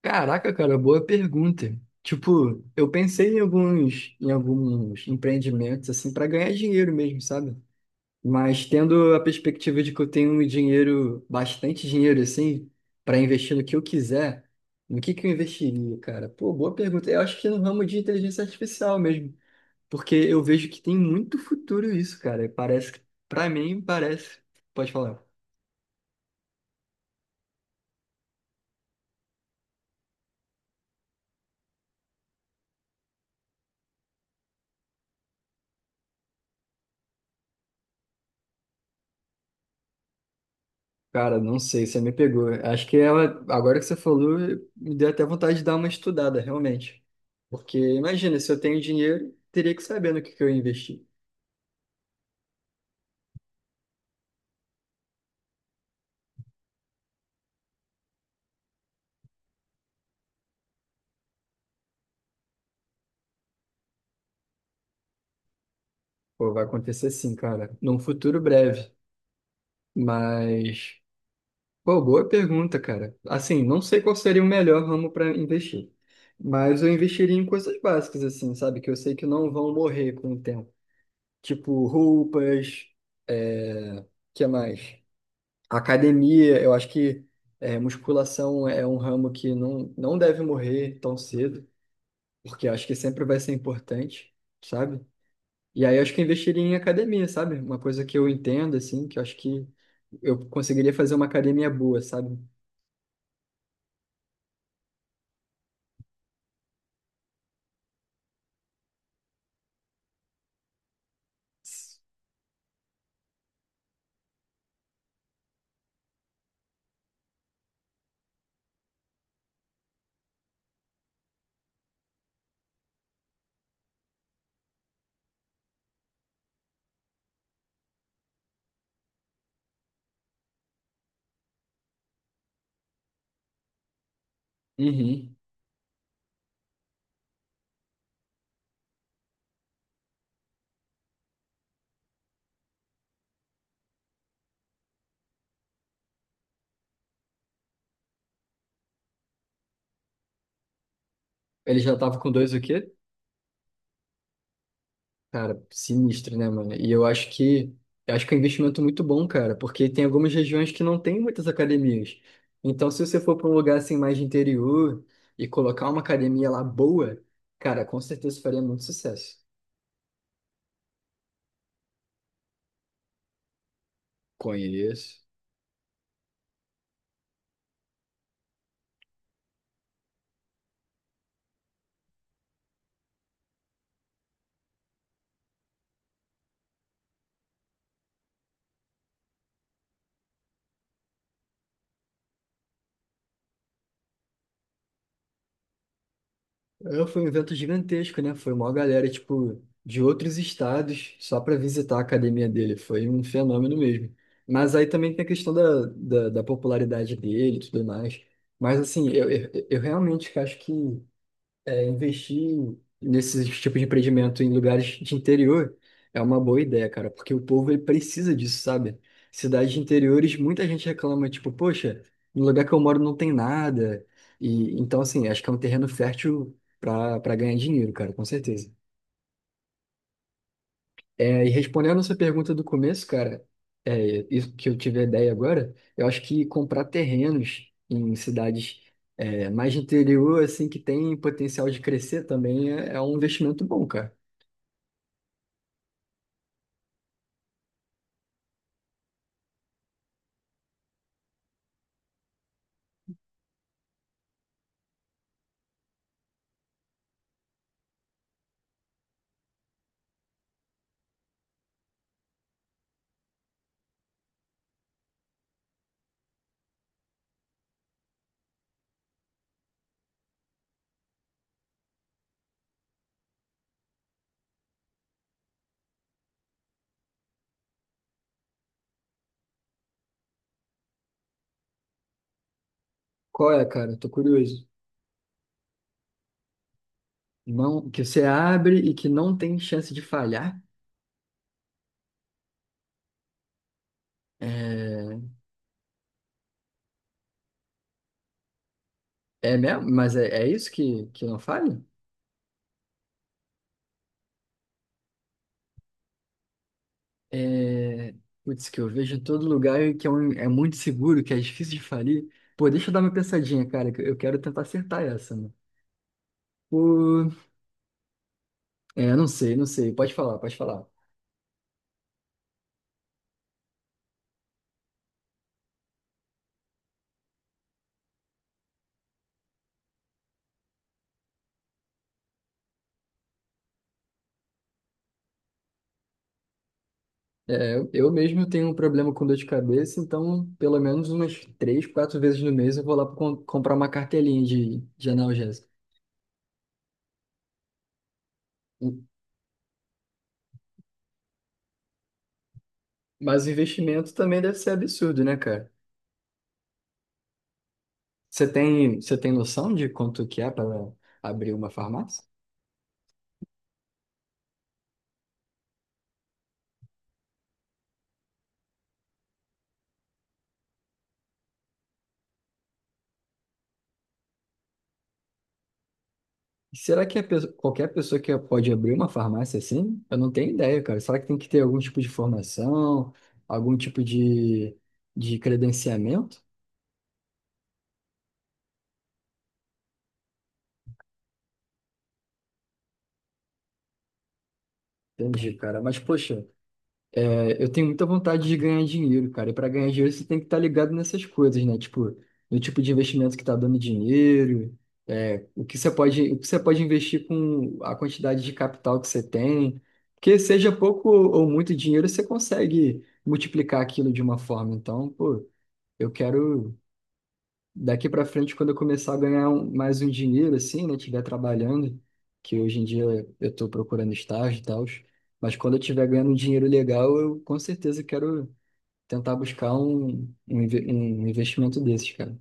Caraca, cara, boa pergunta. Tipo, eu pensei em alguns empreendimentos assim para ganhar dinheiro mesmo, sabe? Mas tendo a perspectiva de que eu tenho um dinheiro, bastante dinheiro assim, para investir no que eu quiser, no que eu investiria, cara? Pô, boa pergunta. Eu acho que no ramo de inteligência artificial mesmo, porque eu vejo que tem muito futuro isso, cara. Parece, para mim, parece. Pode falar. Cara, não sei, você me pegou. Acho que ela, agora que você falou, me deu até vontade de dar uma estudada, realmente. Porque imagina, se eu tenho dinheiro, teria que saber no que eu investi. Pô, vai acontecer sim, cara, num futuro breve. Mas, pô, boa pergunta, cara. Assim, não sei qual seria o melhor ramo para investir. Mas eu investiria em coisas básicas, assim, sabe? Que eu sei que não vão morrer com o tempo. Tipo roupas, é... que mais? A academia, eu acho que é, musculação é um ramo que não deve morrer tão cedo, porque eu acho que sempre vai ser importante, sabe? E aí eu acho que eu investiria em academia, sabe? Uma coisa que eu entendo, assim, que eu acho que eu conseguiria fazer uma academia boa, sabe? Uhum. Ele já tava com dois o quê? Cara, sinistro, né, mano? E eu acho que é um investimento muito bom, cara, porque tem algumas regiões que não tem muitas academias. Então, se você for para um lugar assim mais de interior e colocar uma academia lá boa, cara, com certeza faria muito sucesso. Conheço. É, foi um evento gigantesco, né? Foi uma galera, tipo, de outros estados só para visitar a academia dele. Foi um fenômeno mesmo. Mas aí também tem a questão da popularidade dele e tudo mais. Mas, assim, eu realmente acho que é, investir nesses tipos de empreendimento em lugares de interior é uma boa ideia, cara, porque o povo ele precisa disso, sabe? Cidades de interiores, muita gente reclama, tipo, poxa, no lugar que eu moro não tem nada. E então, assim, acho que é um terreno fértil para ganhar dinheiro, cara, com certeza. É, e respondendo essa pergunta do começo, cara, é, isso que eu tive a ideia agora, eu acho que comprar terrenos em cidades é, mais de interior, assim, que tem potencial de crescer também é, é um investimento bom, cara. Qual é, cara? Tô curioso. Não, que você abre e que não tem chance de falhar. É, é mesmo? Mas é, é isso que não falha? É, putz, que eu vejo em todo lugar e que é, um- é muito seguro, que é difícil de falir. Pô, deixa eu dar uma pensadinha, cara, que eu quero tentar acertar essa, né? Pô, é, não sei, não sei. Pode falar, pode falar. É, eu mesmo tenho um problema com dor de cabeça, então pelo menos umas três, quatro vezes no mês eu vou lá com- comprar uma cartelinha de analgésico. Mas o investimento também deve ser absurdo, né, cara? Você tem noção de quanto que é para abrir uma farmácia? Será que a pesso- qualquer pessoa que pode abrir uma farmácia assim? Eu não tenho ideia, cara. Será que tem que ter algum tipo de formação, algum tipo de credenciamento? Entendi, cara. Mas, poxa, é, eu tenho muita vontade de ganhar dinheiro, cara. E para ganhar dinheiro você tem que estar ligado nessas coisas, né? Tipo, no tipo de investimento que está dando dinheiro, é, o que você pode investir com a quantidade de capital que você tem. Porque seja pouco ou muito dinheiro, você consegue multiplicar aquilo de uma forma. Então, pô. Eu quero daqui para frente quando eu começar a ganhar um- mais um dinheiro assim, né, tiver trabalhando, que hoje em dia eu estou procurando estágio e tal, mas quando eu tiver ganhando um dinheiro legal, eu com certeza quero tentar buscar inve- um investimento desses, cara.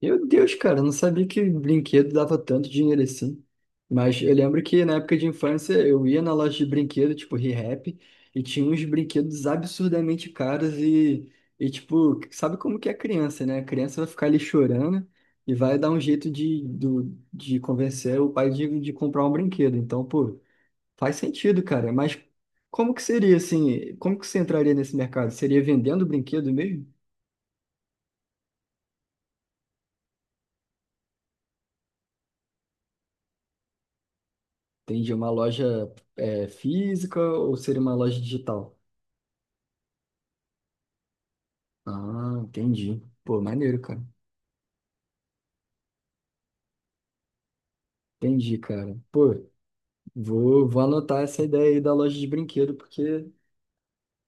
Meu Deus, cara, eu não sabia que brinquedo dava tanto dinheiro assim. Mas eu lembro que na época de infância eu ia na loja de brinquedo, tipo Rehap, e tinha uns brinquedos absurdamente caros e tipo, sabe como que é criança, né? A criança vai ficar ali chorando e vai dar um jeito de, do, de convencer o pai de comprar um brinquedo. Então, pô, faz sentido, cara. Mas como que seria assim? Como que você entraria nesse mercado? Seria vendendo brinquedo mesmo? Entendi. Uma loja é, física ou seria uma loja digital? Ah, entendi. Pô, maneiro, cara. Entendi, cara. Pô, vou anotar essa ideia aí da loja de brinquedo, porque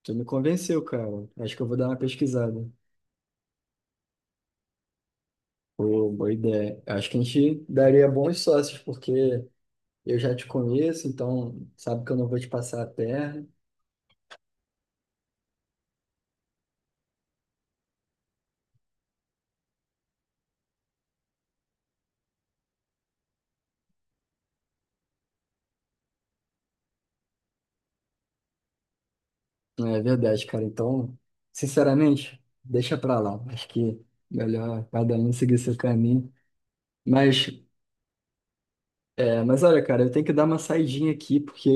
tu me convenceu, cara. Acho que eu vou dar uma pesquisada. Pô, boa ideia. Acho que a gente daria bons sócios, porque eu já te conheço, então sabe que eu não vou te passar a perna. É verdade, cara. Então, sinceramente, deixa pra lá. Acho que melhor cada um seguir seu caminho. Mas é, mas olha, cara, eu tenho que dar uma saidinha aqui porque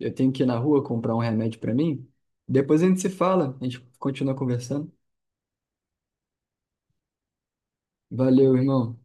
eu tenho que ir na rua comprar um remédio pra mim. Depois a gente se fala, a gente continua conversando. Valeu, irmão.